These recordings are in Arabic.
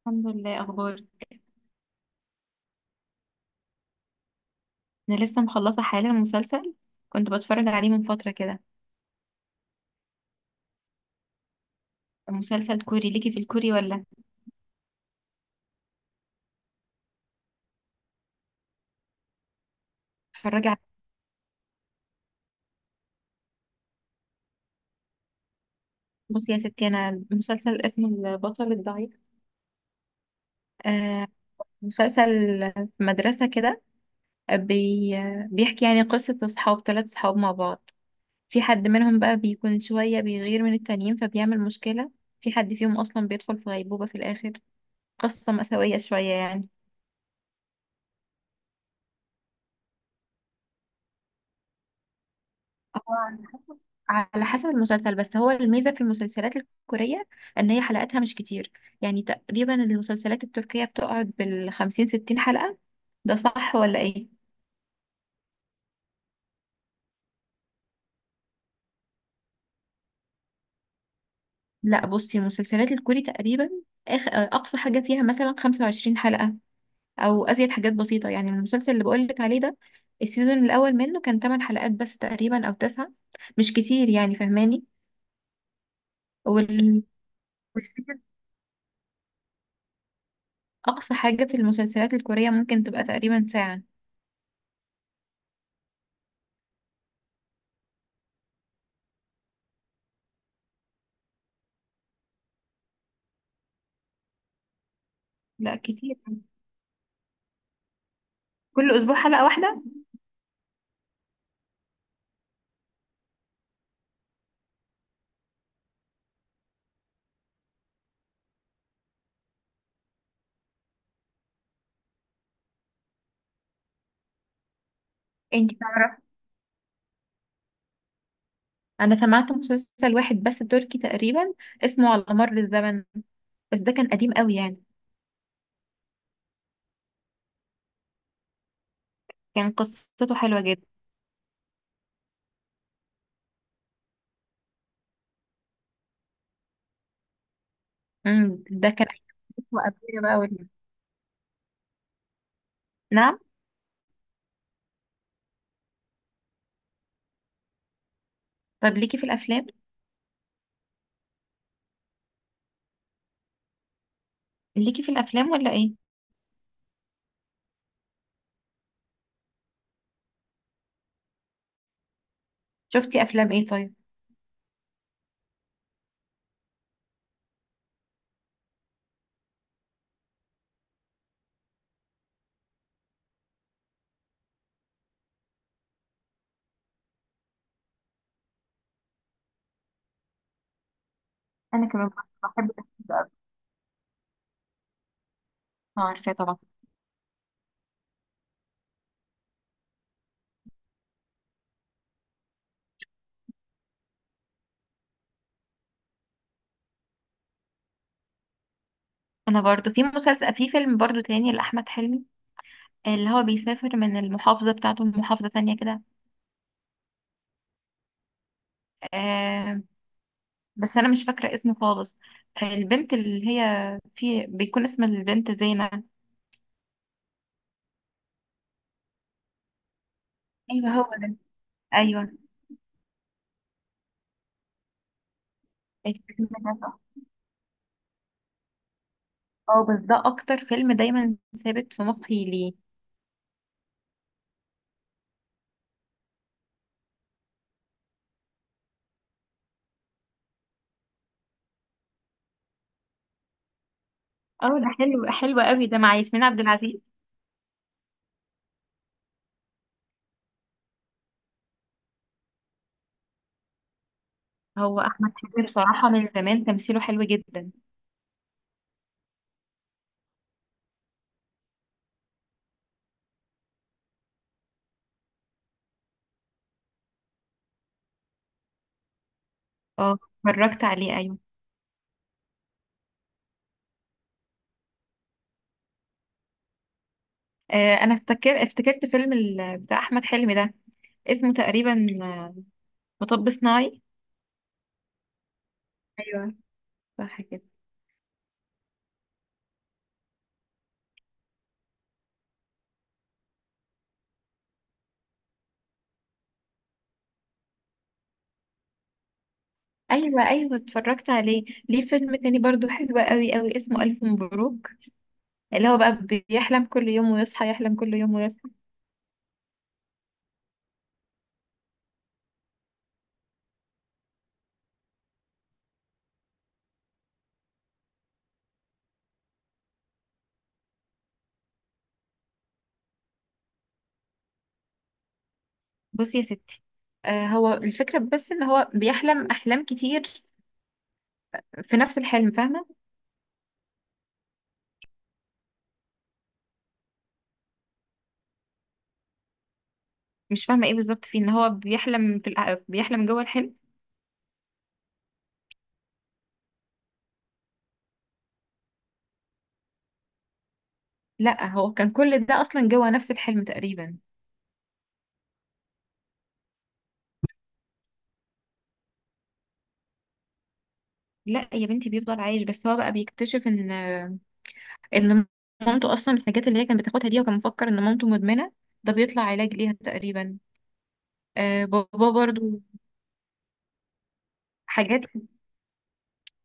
الحمد لله. اخبار؟ انا لسه مخلصه حالا مسلسل كنت بتفرج عليه من فتره كده. مسلسل كوري، ليكي في الكوري ولا؟ اتفرجي على... بصي يا ستي، انا المسلسل اسم البطل الضعيف. آه، مسلسل في مدرسه كده، بي بيحكي يعني قصه اصحاب، 3 اصحاب مع بعض. في حد منهم بقى بيكون شويه بيغير من التانيين فبيعمل مشكله. في حد فيهم اصلا بيدخل في غيبوبه في الاخر. قصه مأساويه شويه يعني. آه، على حسب المسلسل، بس هو الميزة في المسلسلات الكورية ان هي حلقاتها مش كتير. يعني تقريبا المسلسلات التركية بتقعد بال50 60 حلقة، ده صح ولا ايه؟ لا بصي، المسلسلات الكوري تقريبا اقصى حاجة فيها مثلا 25 حلقة او ازيد حاجات بسيطة. يعني المسلسل اللي بقولك عليه ده السيزون الاول منه كان 8 حلقات بس تقريبا، او 9. مش كتير يعني، فهماني؟ وال... والسيزون اقصى حاجة في المسلسلات الكورية ممكن تبقى تقريبا ساعة. لا كتير، كل اسبوع حلقة واحدة. انت فعلا- انا سمعت مسلسل واحد بس تركي تقريبا، اسمه على مر الزمن، بس ده كان قديم قوي يعني. كان قصته حلوه جدا. ده كان اسمه قبلنا بقى، ولا؟ نعم. طب ليكي في الافلام؟ ليكي في الافلام ولا ايه؟ شفتي افلام ايه طيب؟ انا كمان بحب الافلام، ده قوي. اه عارفاه طبعا. انا برضو في مسلسل، في فيلم برضو تاني لاحمد حلمي، اللي هو بيسافر من المحافظه بتاعته لمحافظه تانية كده. آه، بس انا مش فاكره اسمه خالص. آه، البنت اللي هي في بيكون اسم البنت زينة. ايوه هو ده. ايوه الفيلم ده، صح. اه بس ده اكتر فيلم دايما ثابت في مخي ليه. اه ده حلو، حلو قوي ده مع ياسمين عبد العزيز. هو احمد حلمي بصراحه من زمان تمثيله حلو جدا. اه اتفرجت عليه، ايوه. آه انا افتكرت فيلم بتاع احمد حلمي ده، اسمه تقريبا آه، مطب صناعي. ايوه صح كده. ايوه، ايوه اتفرجت عليه. ليه فيلم تاني برضو حلو قوي قوي، اسمه الف مبروك، اللي هو بقى بيحلم كل يوم ويصحى يحلم كل يوم. بصي يا ستي، آه هو الفكرة بس ان هو بيحلم احلام كتير في نفس الحلم، فاهمة؟ مش فاهمة ايه بالظبط فيه، ان هو بيحلم في بيحلم جوه الحلم. لا هو كان كل ده اصلا جوه نفس الحلم تقريبا. لا يا بنتي، بيفضل عايش، بس هو بقى بيكتشف ان ان مامته اصلا، الحاجات اللي هي كانت بتاخدها دي وكان مفكر ان مامته مدمنة، ده بيطلع علاج ليها تقريبا. آه بابا برضو حاجات،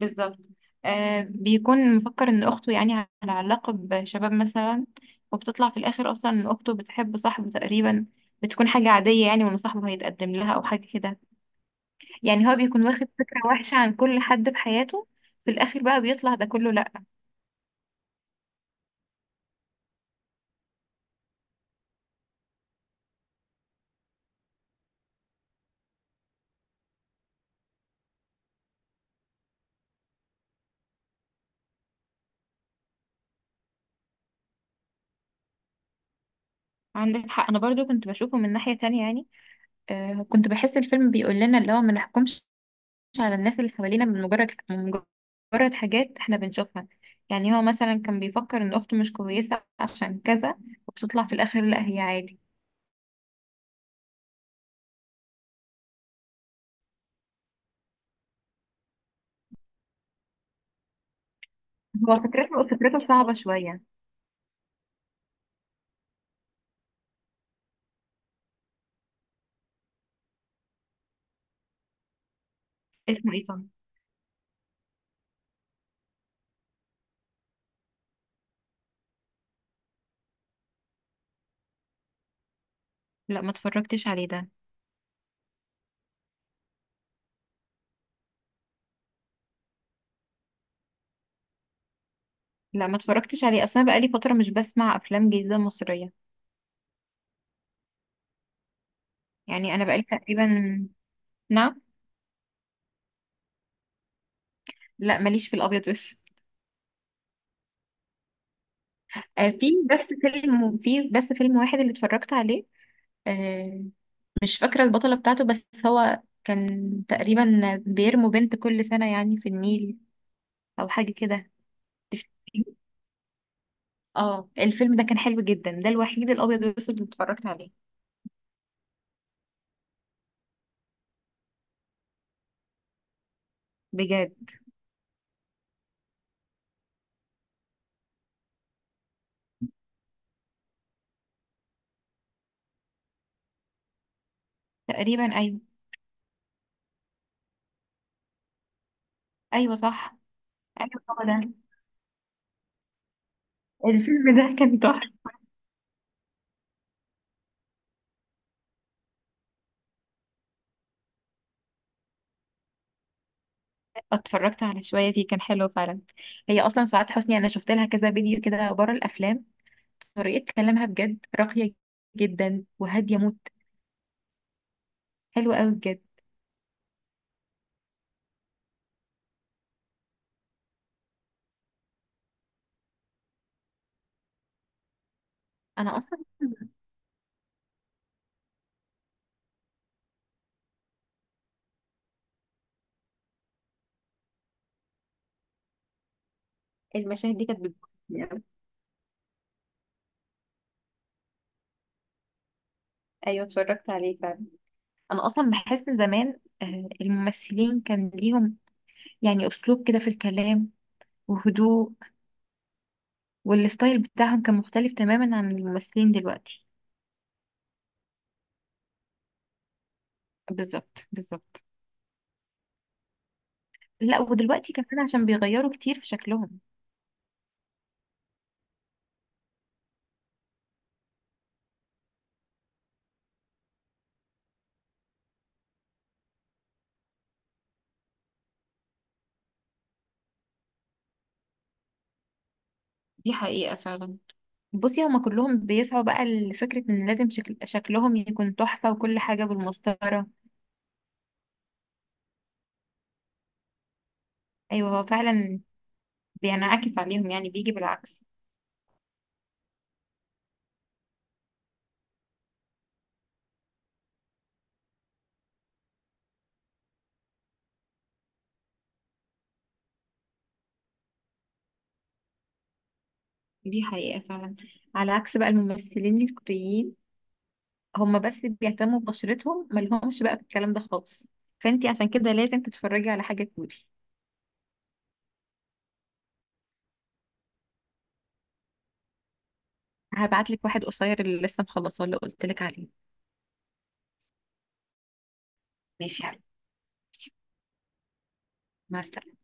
بالظبط. آه بيكون مفكر ان اخته يعني على علاقة بشباب مثلا، وبتطلع في الاخر اصلا ان اخته بتحب صاحبه تقريبا، بتكون حاجة عادية يعني، وان صاحبه هيتقدم لها او حاجة كده. يعني هو بيكون واخد فكرة وحشة عن كل حد في حياته، في الاخر بقى بيطلع ده كله لا. عندك حق، انا برضو كنت بشوفه من ناحية تانية يعني. آه كنت بحس الفيلم بيقول لنا اللي هو ما نحكمش على الناس اللي حوالينا من مجرد حاجات احنا بنشوفها. يعني هو مثلا كان بيفكر ان اخته مش كويسة عشان كذا، وبتطلع في الاخر لا هي عادي. هو فكرته صعبة شوية. اسمه ايه طبعا؟ لا ما اتفرجتش عليه ده. لا ما اتفرجتش عليه اصلا، بقالي فترة مش بسمع افلام جديدة مصرية. يعني انا بقالي تقريبا. نعم. لا ماليش في الابيض والاسود. آه، في بس فيلم واحد اللي اتفرجت عليه، آه، مش فاكرة البطلة بتاعته، بس هو كان تقريبا بيرموا بنت كل سنة يعني في النيل أو حاجة كده. تفتكري؟ اه الفيلم ده كان حلو جدا، ده الوحيد الأبيض والأسود اللي اتفرجت عليه. بجد. تقريبا أيوه. أيوه صح. أيوه هو ده. الفيلم ده كان تحفة. اتفرجت على شوية فيه كان حلو فعلا. هي أصلا سعاد حسني، أنا شفت لها كذا فيديو كده بره الأفلام، طريقة كلامها بجد راقية جدا وهادية موت. حلوة أوي بجد. أنا أصلا المشاهد دي كانت بتضحكني. ايوه اتفرجت عليه فعلا. انا اصلا بحس ان زمان الممثلين كان ليهم يعني اسلوب كده في الكلام، وهدوء، والستايل بتاعهم كان مختلف تماما عن الممثلين دلوقتي. بالظبط، بالظبط. لا ودلوقتي كمان عشان بيغيروا كتير في شكلهم. دي حقيقة فعلا. بصي هما كلهم بيسعوا بقى لفكرة ان لازم شكلهم يكون تحفة وكل حاجة بالمسطرة. ايوه هو فعلا بينعكس عليهم يعني، بيجي بالعكس. دي حقيقة فعلا. على عكس بقى الممثلين الكوريين، هما بس بيهتموا ببشرتهم، مالهمش بقى في الكلام ده خالص. فانتي عشان كده لازم تتفرجي على حاجة كوري. هبعتلك واحد قصير اللي لسه مخلصاه اللي قلتلك عليه. ماشي يا حبيبي. مع السلامة.